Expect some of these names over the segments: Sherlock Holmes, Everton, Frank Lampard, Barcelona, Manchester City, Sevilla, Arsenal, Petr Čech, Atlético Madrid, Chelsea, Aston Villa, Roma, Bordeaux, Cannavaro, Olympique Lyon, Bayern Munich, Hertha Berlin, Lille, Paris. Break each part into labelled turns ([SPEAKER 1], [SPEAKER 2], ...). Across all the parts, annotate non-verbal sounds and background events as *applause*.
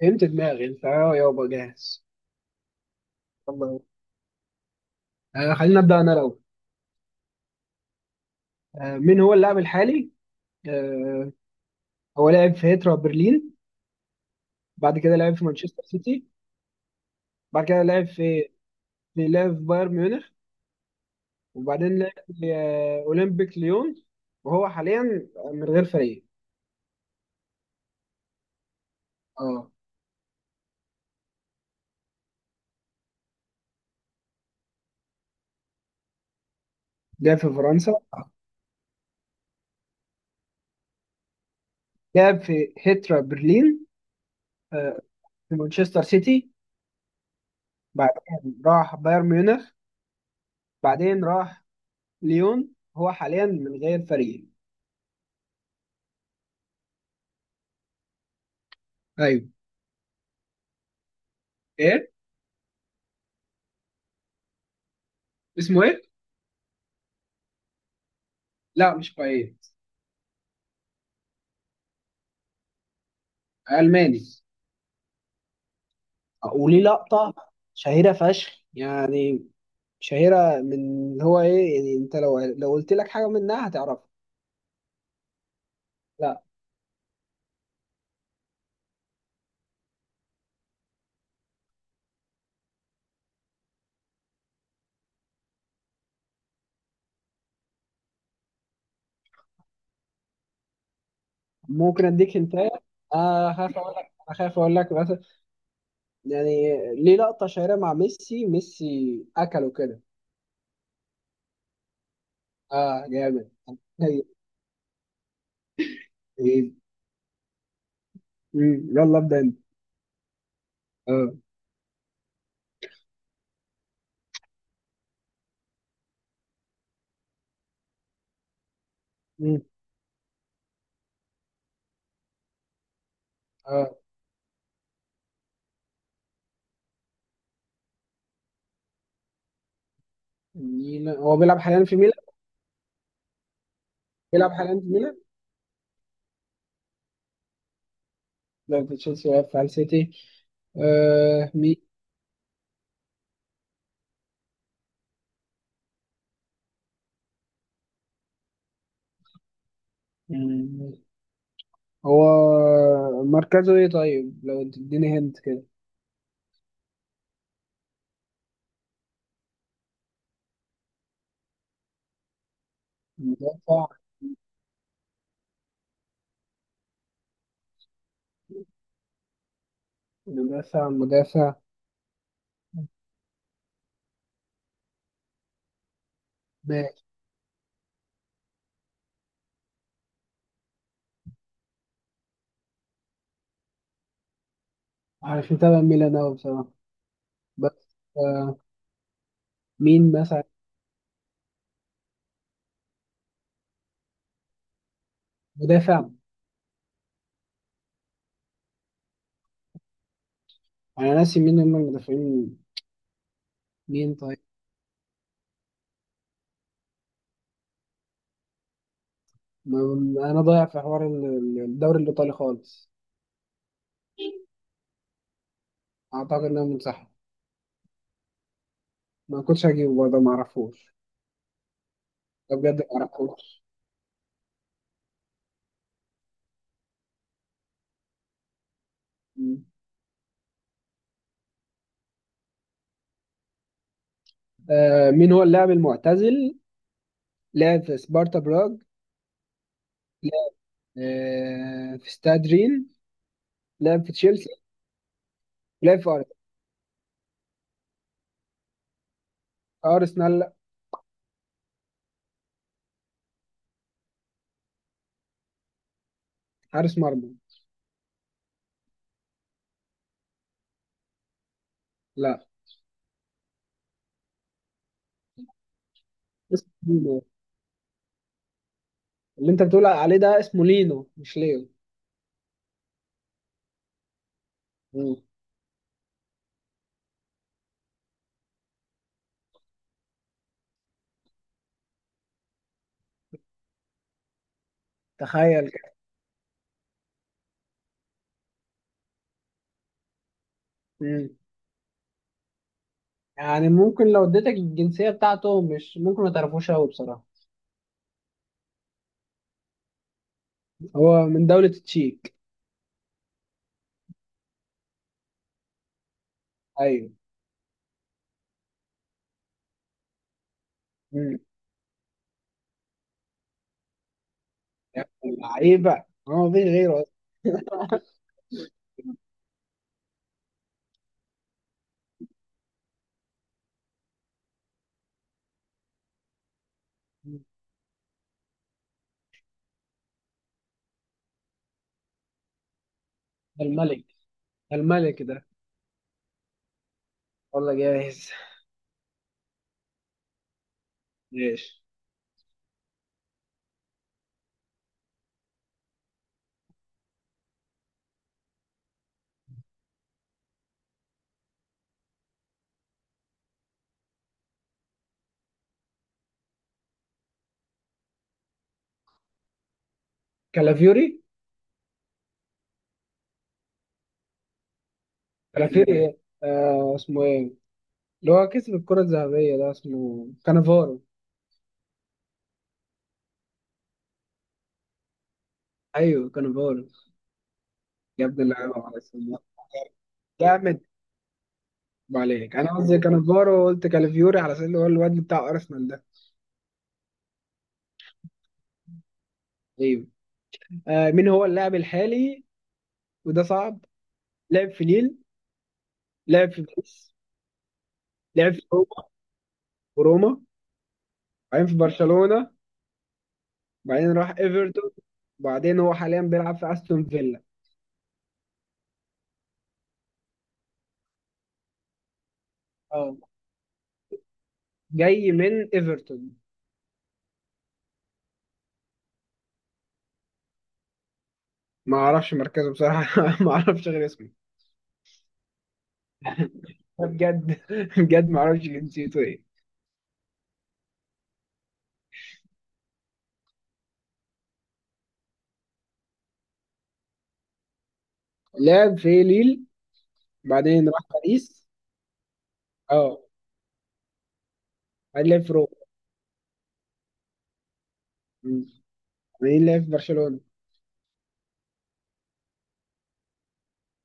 [SPEAKER 1] فهمت دماغي. انت يابا جاهز. يلا، خلينا نبدأ انا الاول. مين هو اللاعب الحالي؟ آه هو لعب في هيترا برلين، بعد كده لعب في مانشستر سيتي، بعد كده لعب في في لعب في بايرن ميونخ، وبعدين لعب في اولمبيك ليون، وهو حاليا من غير فريق. اه. لعب في فرنسا. لعب في هيترا برلين، آه في مانشستر سيتي، بعدين راح بايرن ميونخ، بعدين راح ليون، هو حاليا من غير فريق. ايوه. ايه اسمه ايه؟ لا، مش بايت. الماني. وليه لقطة شهيرة فشخ، يعني شهيرة من اللي هو ايه، يعني انت لو لو قلت لك حاجة منها هتعرفها. لا. ممكن اديك انت. خاف اقول لك، اخاف اقول لك مثلا، يعني ليه لقطة شهيرة مع ميسي، ميسي اكله كده. اه جامد. هي، هي، مم. يلا ابدا انت. اه. مم. اه، ميلان. هو بيلعب حاليا في ميلان؟ بيلعب حاليا في ميلان. لا في تشيلسي ولا في السيتي. آه. مين؟ مم. هو مركزه ايه طيب؟ لو تديني هنت كده. مدافع. مدافع، مدافع. ماشي. عارف متابع ميلان أوي بصراحة، بس. آه. مين مثلا؟ مدافع. أنا ناسي مين هم المدافعين. مين طيب؟ أنا ضايع في حوار الدوري الإيطالي خالص. أعتقد إن أنا منسحب. ما كنتش هجيبه برضه، ما أعرفوش. ده بجد ما أعرفوش. م. مين هو اللاعب المعتزل؟ لعب في سبارتا براغ، في استاد رين، لعب في تشيلسي، لعب ارسنال. لا. حارس مرمى. لا. اسمه لينو. اللي انت بتقول عليه ده اسمه لينو مش ليو. مم. تخيل كده. مم. يعني ممكن لو اديتك الجنسية بتاعته، مش ممكن ما تعرفوش قوي بصراحة. هو من دولة التشيك. ايوه. مم. يعني لعيبة، هو مفيش غيره أصلاً. مم. ده الملك، ده الملك ده. والله جاهز. ماشي. كالافيوري. كالافيوري ايه، اسمه ايه اللي هو كسب الكرة الذهبية ده، اسمه كانافارو. ايوه كانافارو. يا ابن اللعيبه، على السلامة. جامد عليك. انا قصدي كانافارو، قلت كالفيوري على اساس اللي هو الواد بتاع ارسنال ده. ايوه. مين هو اللاعب الحالي؟ وده صعب. لعب في ليل، لعب في باريس، لعب في روما، وروما، بعدين في برشلونه، بعدين راح ايفرتون، بعدين هو حاليا بيلعب في استون فيلا. اه. جاي من ايفرتون. ما اعرفش مركزه بصراحه *laughs* ما اعرفش غير اسمه. بجد *laughs* بجد ما اعرفش جنسيته ايه. لعب في ليل، بعدين راح باريس. اه. بعدين لعب في روما. مم. بعدين لعب في برشلونة،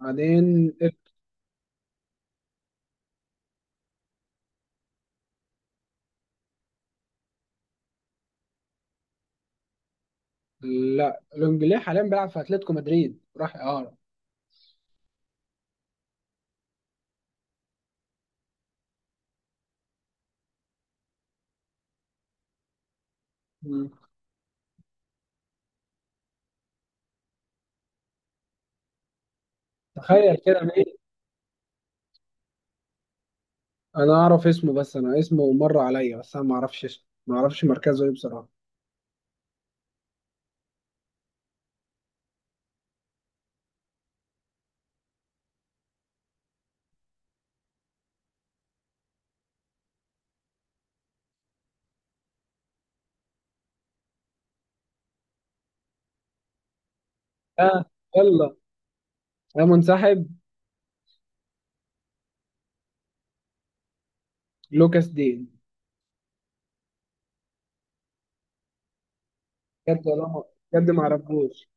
[SPEAKER 1] بعدين. لا، لونجلي حاليا بيلعب في اتلتيكو مدريد، راح اعاره. مم. تخيل كده مين. انا اعرف اسمه، بس انا اسمه مر عليا، بس انا ما اعرفش اسمه، ما اعرفش مركزه ايه بصراحة. اه. يلا يا منسحب. لوكاس دين. بجد والله بجد ما اعرفوش،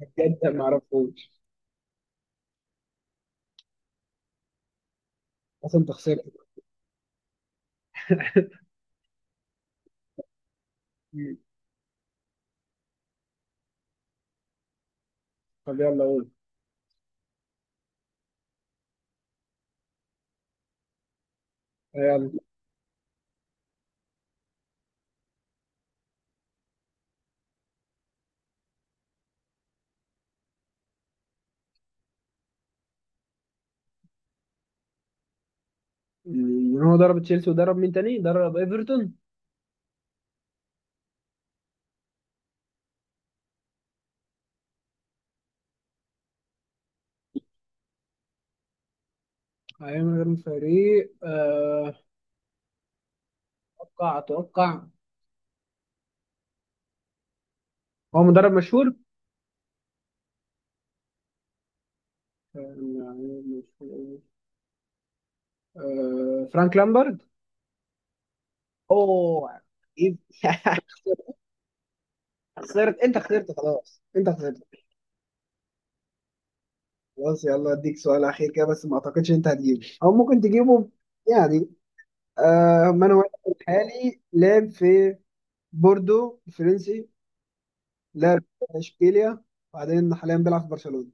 [SPEAKER 1] بجد ما اعرفوش. اصلا انت خسرت. *laughs* مم. طب يلا قول. يلا. مم. هو ضرب تشيلسي، وضرب مين تاني؟ ضرب ايفرتون. هيعمل غير فريق، اتوقع اتوقع. هو مدرب مشهور. آه، آه، فرانك لامبرد. اوه. إيه؟ *laughs* خسرت، انت خسرت، خلاص انت خسرت. خلاص يلا اديك سؤال اخير كده، بس ما اعتقدش انت هتجيبه، او ممكن تجيبه. يعني مانويل الحالي، لعب في بوردو الفرنسي، لعب في اشبيليا، وبعدين حاليا بيلعب في برشلونة.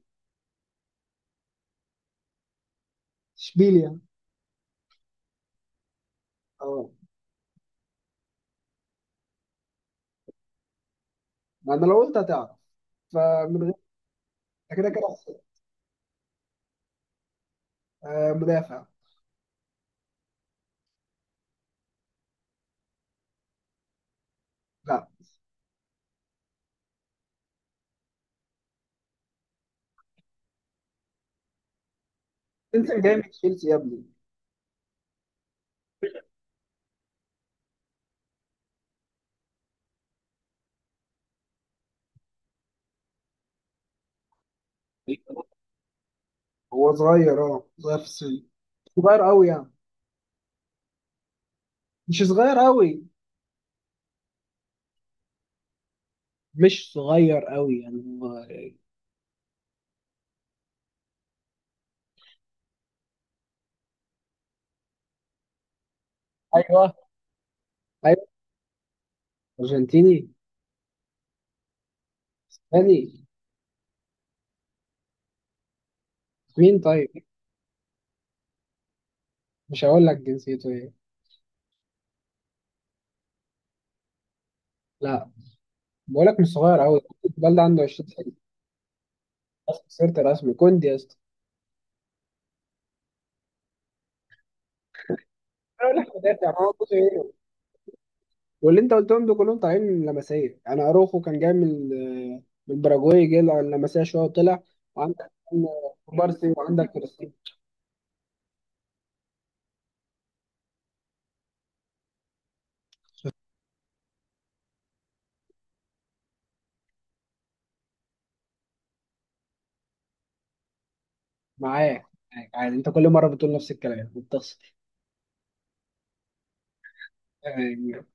[SPEAKER 1] اشبيليا. اه. ما انا لو قلت هتعرف. فمن غير. أنت كده كده خسرت. آه، مدافع. لا. انت جاي من تشيلسي يا ابني. هو صغير، اه صغير في السن. صغير قوي يعني. مش صغير قوي، مش صغير قوي يعني هو. ايوه. ايوه. ارجنتيني تاني. مين طيب؟ مش هقول لك جنسيته ايه. لا، بقول لك مش صغير قوي. البال ده عنده 20 سنه بس. خسرت رسمي. كوندي يا اسطى. أنا اقول لك مدافع، ما هو جزء ايه. واللي انت قلتهم دول كلهم طالعين من لمسيه، يعني اروخو كان جاي من من الباراجواي، جه على اللمسيه شويه وطلع. وعندك بارسي، وعندك كريستيانو. معاك، معاك عادي. انت كل مره بتقول نفس الكلام وبتخسر. يعني.